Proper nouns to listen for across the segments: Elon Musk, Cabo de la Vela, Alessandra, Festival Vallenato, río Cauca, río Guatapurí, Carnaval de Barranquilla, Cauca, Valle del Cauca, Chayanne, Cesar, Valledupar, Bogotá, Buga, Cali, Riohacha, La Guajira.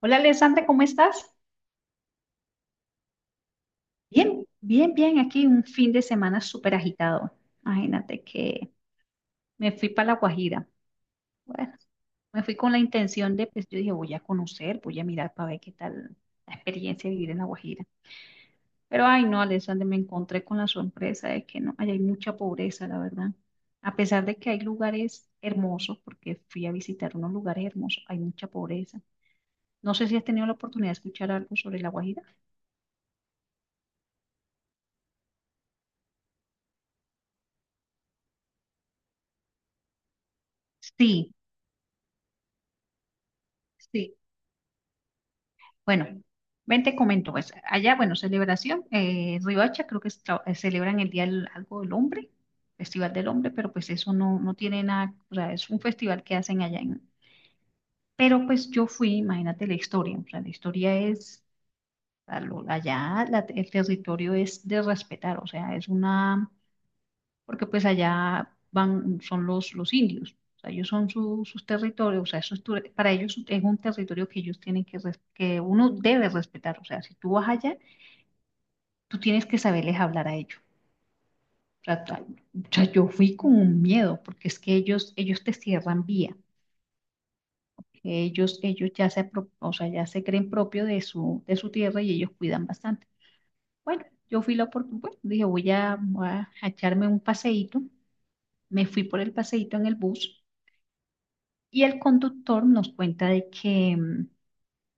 Hola Alessandra, ¿cómo estás? Bien, bien, bien. Aquí un fin de semana súper agitado. Imagínate que me fui para La Guajira. Bueno, me fui con la intención de, pues yo dije, voy a conocer, voy a mirar para ver qué tal la experiencia de vivir en La Guajira. Pero ay no, Alessandra, me encontré con la sorpresa de que no, allá hay mucha pobreza, la verdad. A pesar de que hay lugares hermosos, porque fui a visitar unos lugares hermosos, hay mucha pobreza. No sé si has tenido la oportunidad de escuchar algo sobre La Guajira. Sí, sí. Bueno, ven te comento, pues allá, bueno, celebración, Riohacha creo que celebran el Día del, algo del Hombre, Festival del Hombre, pero pues eso no, no tiene nada, o sea, es un festival que hacen allá en... Pero pues yo fui, imagínate la historia, o sea, la historia es, allá el territorio es de respetar, o sea, es una porque pues allá van, son los indios, o sea, ellos son sus territorios, o sea, eso es para ellos es un territorio que ellos tienen que, que uno debe respetar, o sea, si tú vas allá, tú tienes que saberles hablar a ellos. O sea, yo fui con un miedo, porque es que ellos te cierran vía. Ellos ya se, ya se creen propio de su tierra y ellos cuidan bastante. Bueno, yo fui la oportunidad, bueno, dije, voy a echarme un paseíto. Me fui por el paseíto en el bus. Y el conductor nos cuenta de que,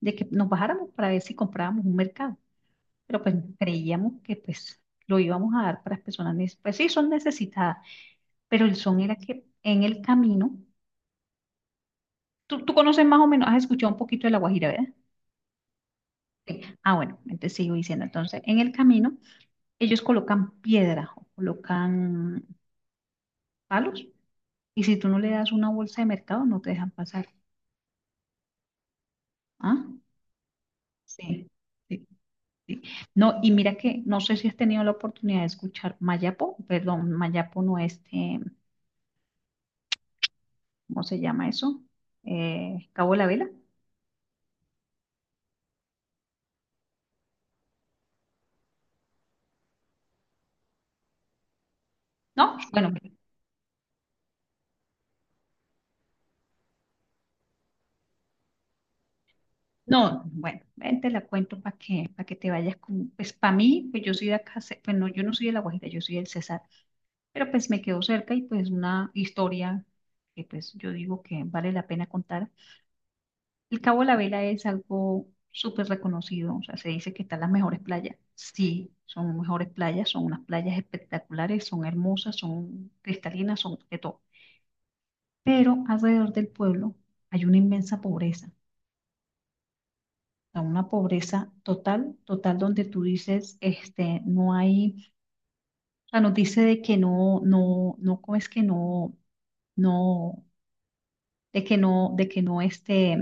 de que nos bajáramos para ver si comprábamos un mercado, pero pues creíamos que pues lo íbamos a dar para las personas, pues sí, son necesitadas, pero el son era que en el camino, tú conoces más o menos, has escuchado un poquito de La Guajira, ¿verdad? Sí. Ah, bueno, entonces sigo diciendo, entonces en el camino ellos colocan piedras o colocan palos y si tú no le das una bolsa de mercado no te dejan pasar. ¿Ah? Sí. Sí. Sí. No, y mira que no sé si has tenido la oportunidad de escuchar Mayapo, perdón, Mayapo no este, ¿cómo se llama eso? Cabo de la Vela, ¿no? Bueno, no, bueno, ven, te la cuento para que te vayas con, pues para mí, pues yo soy de acá, pues no, yo no soy de La Guajira, yo soy del Cesar, pero pues me quedo cerca y pues una historia que pues yo digo que vale la pena contar. El Cabo de la Vela es algo súper reconocido, o sea, se dice que están las mejores playas. Sí, son mejores playas, son unas playas espectaculares, son hermosas, son cristalinas, son de todo. Pero alrededor del pueblo hay una inmensa pobreza, o sea, una pobreza total, total, donde tú dices, este, no hay, o sea, nos dice de que no, no, no, ¿cómo es que no, no, de que no, de que no, este.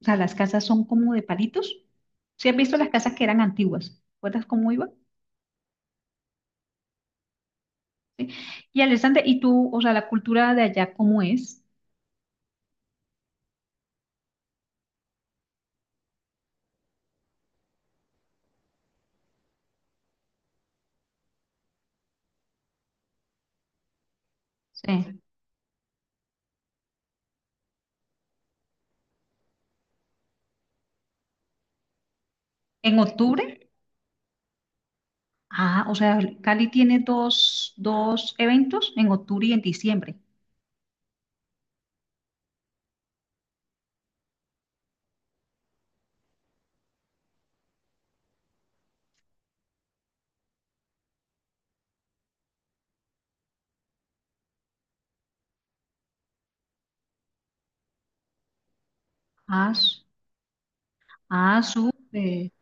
O sea, las casas son como de palitos. ¿Sí has visto las casas que eran antiguas? ¿Recuerdas cómo iba? ¿Sí? Y Alexander, ¿y tú, o sea, la cultura de allá cómo es? Sí. ¿En octubre? Ah, o sea, Cali tiene dos eventos en octubre y en diciembre. Ah, s- ah, súper.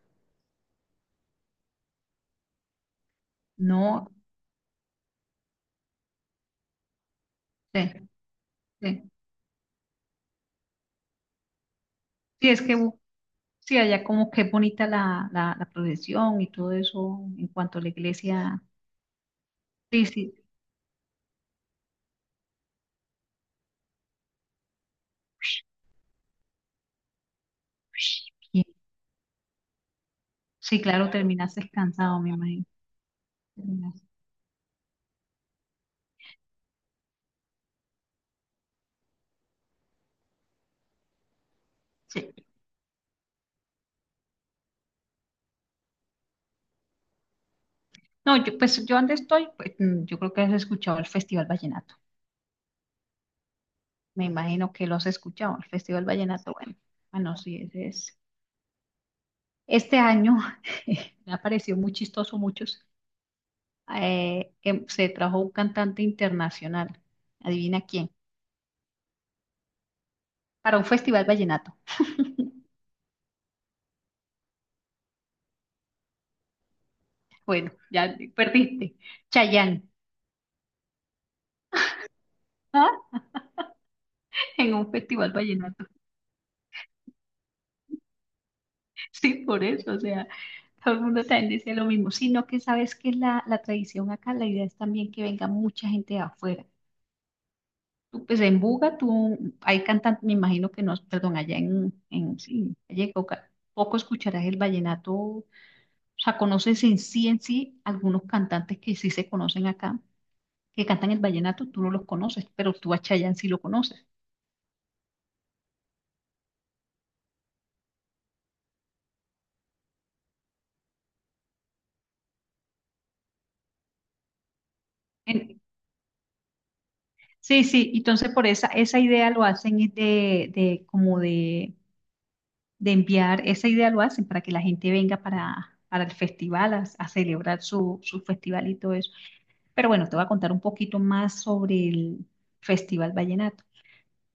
No, sí, sí. Sí, es que sí, allá como que es bonita la procesión y todo eso en cuanto a la iglesia. Sí, sí. Ush, bien. Sí, claro, terminaste cansado, me imagino. Vallenato. Sí. No, yo, pues yo donde estoy, pues, yo creo que has escuchado el Festival Vallenato. Me imagino que lo has escuchado, el Festival Vallenato. Bueno, bueno, sí, ese es. Este año me ha parecido muy chistoso muchos. Se trajo un cantante internacional. Adivina quién. Para un Festival Vallenato. Bueno, ya perdiste. Chayanne. En un Festival Vallenato. Sí, por eso, o sea, todo el mundo también dice lo mismo, sino que sabes que la tradición acá, la idea es también que venga mucha gente de afuera. Tú, pues en Buga, tú, hay cantantes, me imagino que no, perdón, allá en, allá en Cauca, poco escucharás el vallenato, o sea, conoces algunos cantantes que sí se conocen acá, que cantan el vallenato, tú no los conoces, pero tú a Chayanne sí lo conoces. En- sí, sí, entonces por esa idea lo hacen es de como de enviar esa idea, lo hacen para que la gente venga para el festival a celebrar su, su festival y todo eso. Pero bueno, te voy a contar un poquito más sobre el Festival Vallenato.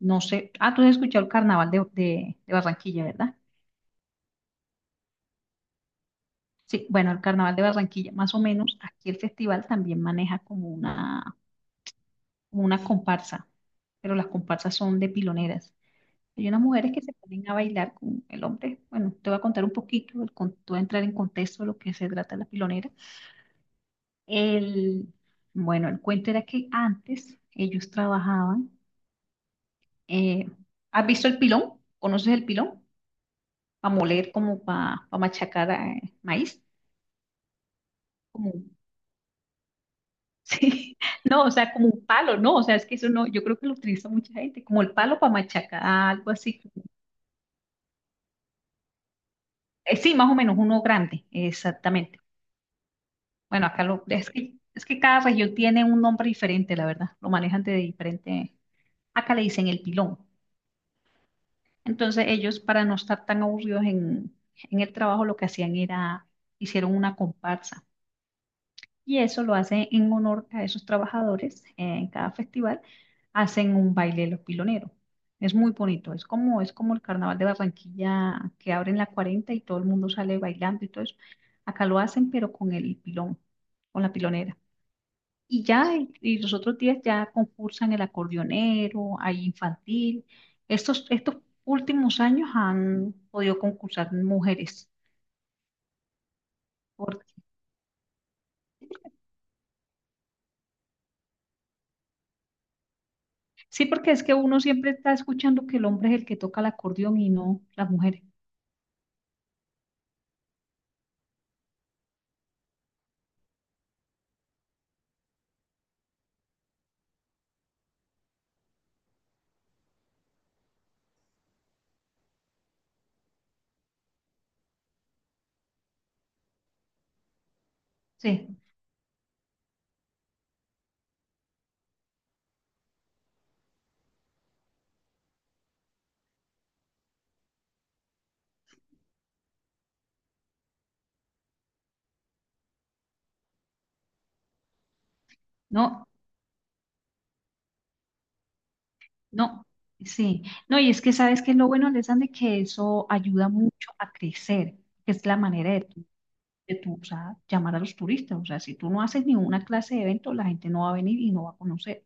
No sé, ah, tú has escuchado el Carnaval de, de Barranquilla, ¿verdad? Sí, bueno, el Carnaval de Barranquilla, más o menos, aquí el festival también maneja como una comparsa, pero las comparsas son de piloneras. Hay unas mujeres que se ponen a bailar con el hombre. Bueno, te voy a contar un poquito, el, te voy a entrar en contexto de lo que se trata la pilonera. El, bueno, el cuento era que antes ellos trabajaban. eh, ¿Has visto el pilón? ¿Conoces el pilón? Para moler, como para machacar maíz. Como, sí, no, o sea, como un palo, no, o sea, es que eso no, yo creo que lo utiliza mucha gente, como el palo para machacar, algo así. Sí, más o menos, uno grande, exactamente. Bueno, acá lo, es que cada región tiene un nombre diferente, la verdad, lo manejan de diferente. Acá le dicen el pilón. Entonces ellos, para no estar tan aburridos en el trabajo, lo que hacían era, hicieron una comparsa. Y eso lo hacen en honor a esos trabajadores. En cada festival hacen un baile de los piloneros. Es muy bonito. Es como el carnaval de Barranquilla que abren la 40 y todo el mundo sale bailando y todo eso. Acá lo hacen, pero con el pilón, con la pilonera. Y ya, y los otros días ya concursan el acordeonero, hay infantil. Estos últimos años han podido concursar mujeres. Por- sí, porque es que uno siempre está escuchando que el hombre es el que toca el acordeón y no las mujeres. Sí, no, no, sí. No, y es que sabes que es lo bueno, Alessandra, que eso ayuda mucho a crecer, que es la manera de tú, o sea, llamar a los turistas. O sea, si tú no haces ninguna clase de evento, la gente no va a venir y no va a conocer.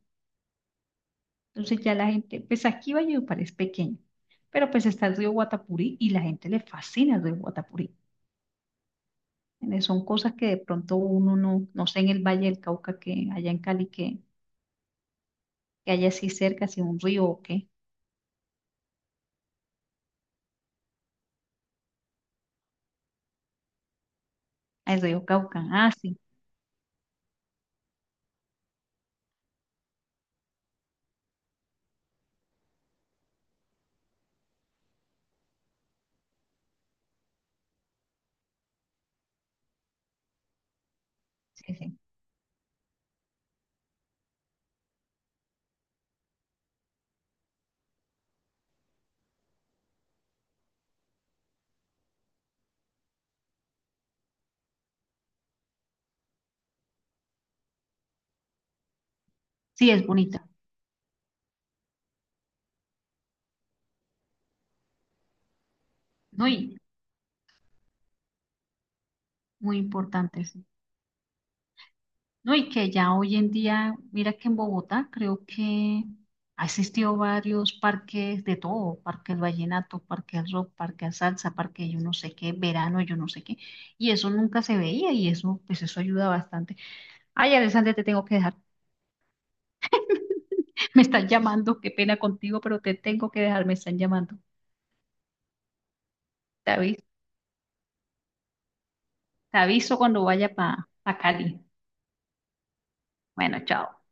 Entonces ya la gente, pues aquí Valledupar es pequeño, pero pues está el río Guatapurí y la gente le fascina el río Guatapurí. Son cosas que de pronto uno no, no sé en el Valle del Cauca, que allá en Cali, que haya así cerca, así un río o qué, Ah, el río Cauca. Ah, sí, sí, sí. Sí, es bonita, ¿no? Y muy importante, sí. No, y que ya hoy en día, mira que en Bogotá creo que ha existido varios parques de todo, parque del vallenato, parque del rock, parque del salsa, parque yo no sé qué, verano yo no sé qué, y eso nunca se veía y eso, pues eso ayuda bastante. Ay, Alexander, te tengo que dejar, me están llamando, qué pena contigo, pero te tengo que dejar, me están llamando. Te aviso, te aviso cuando vaya para Cali. Bueno, chao.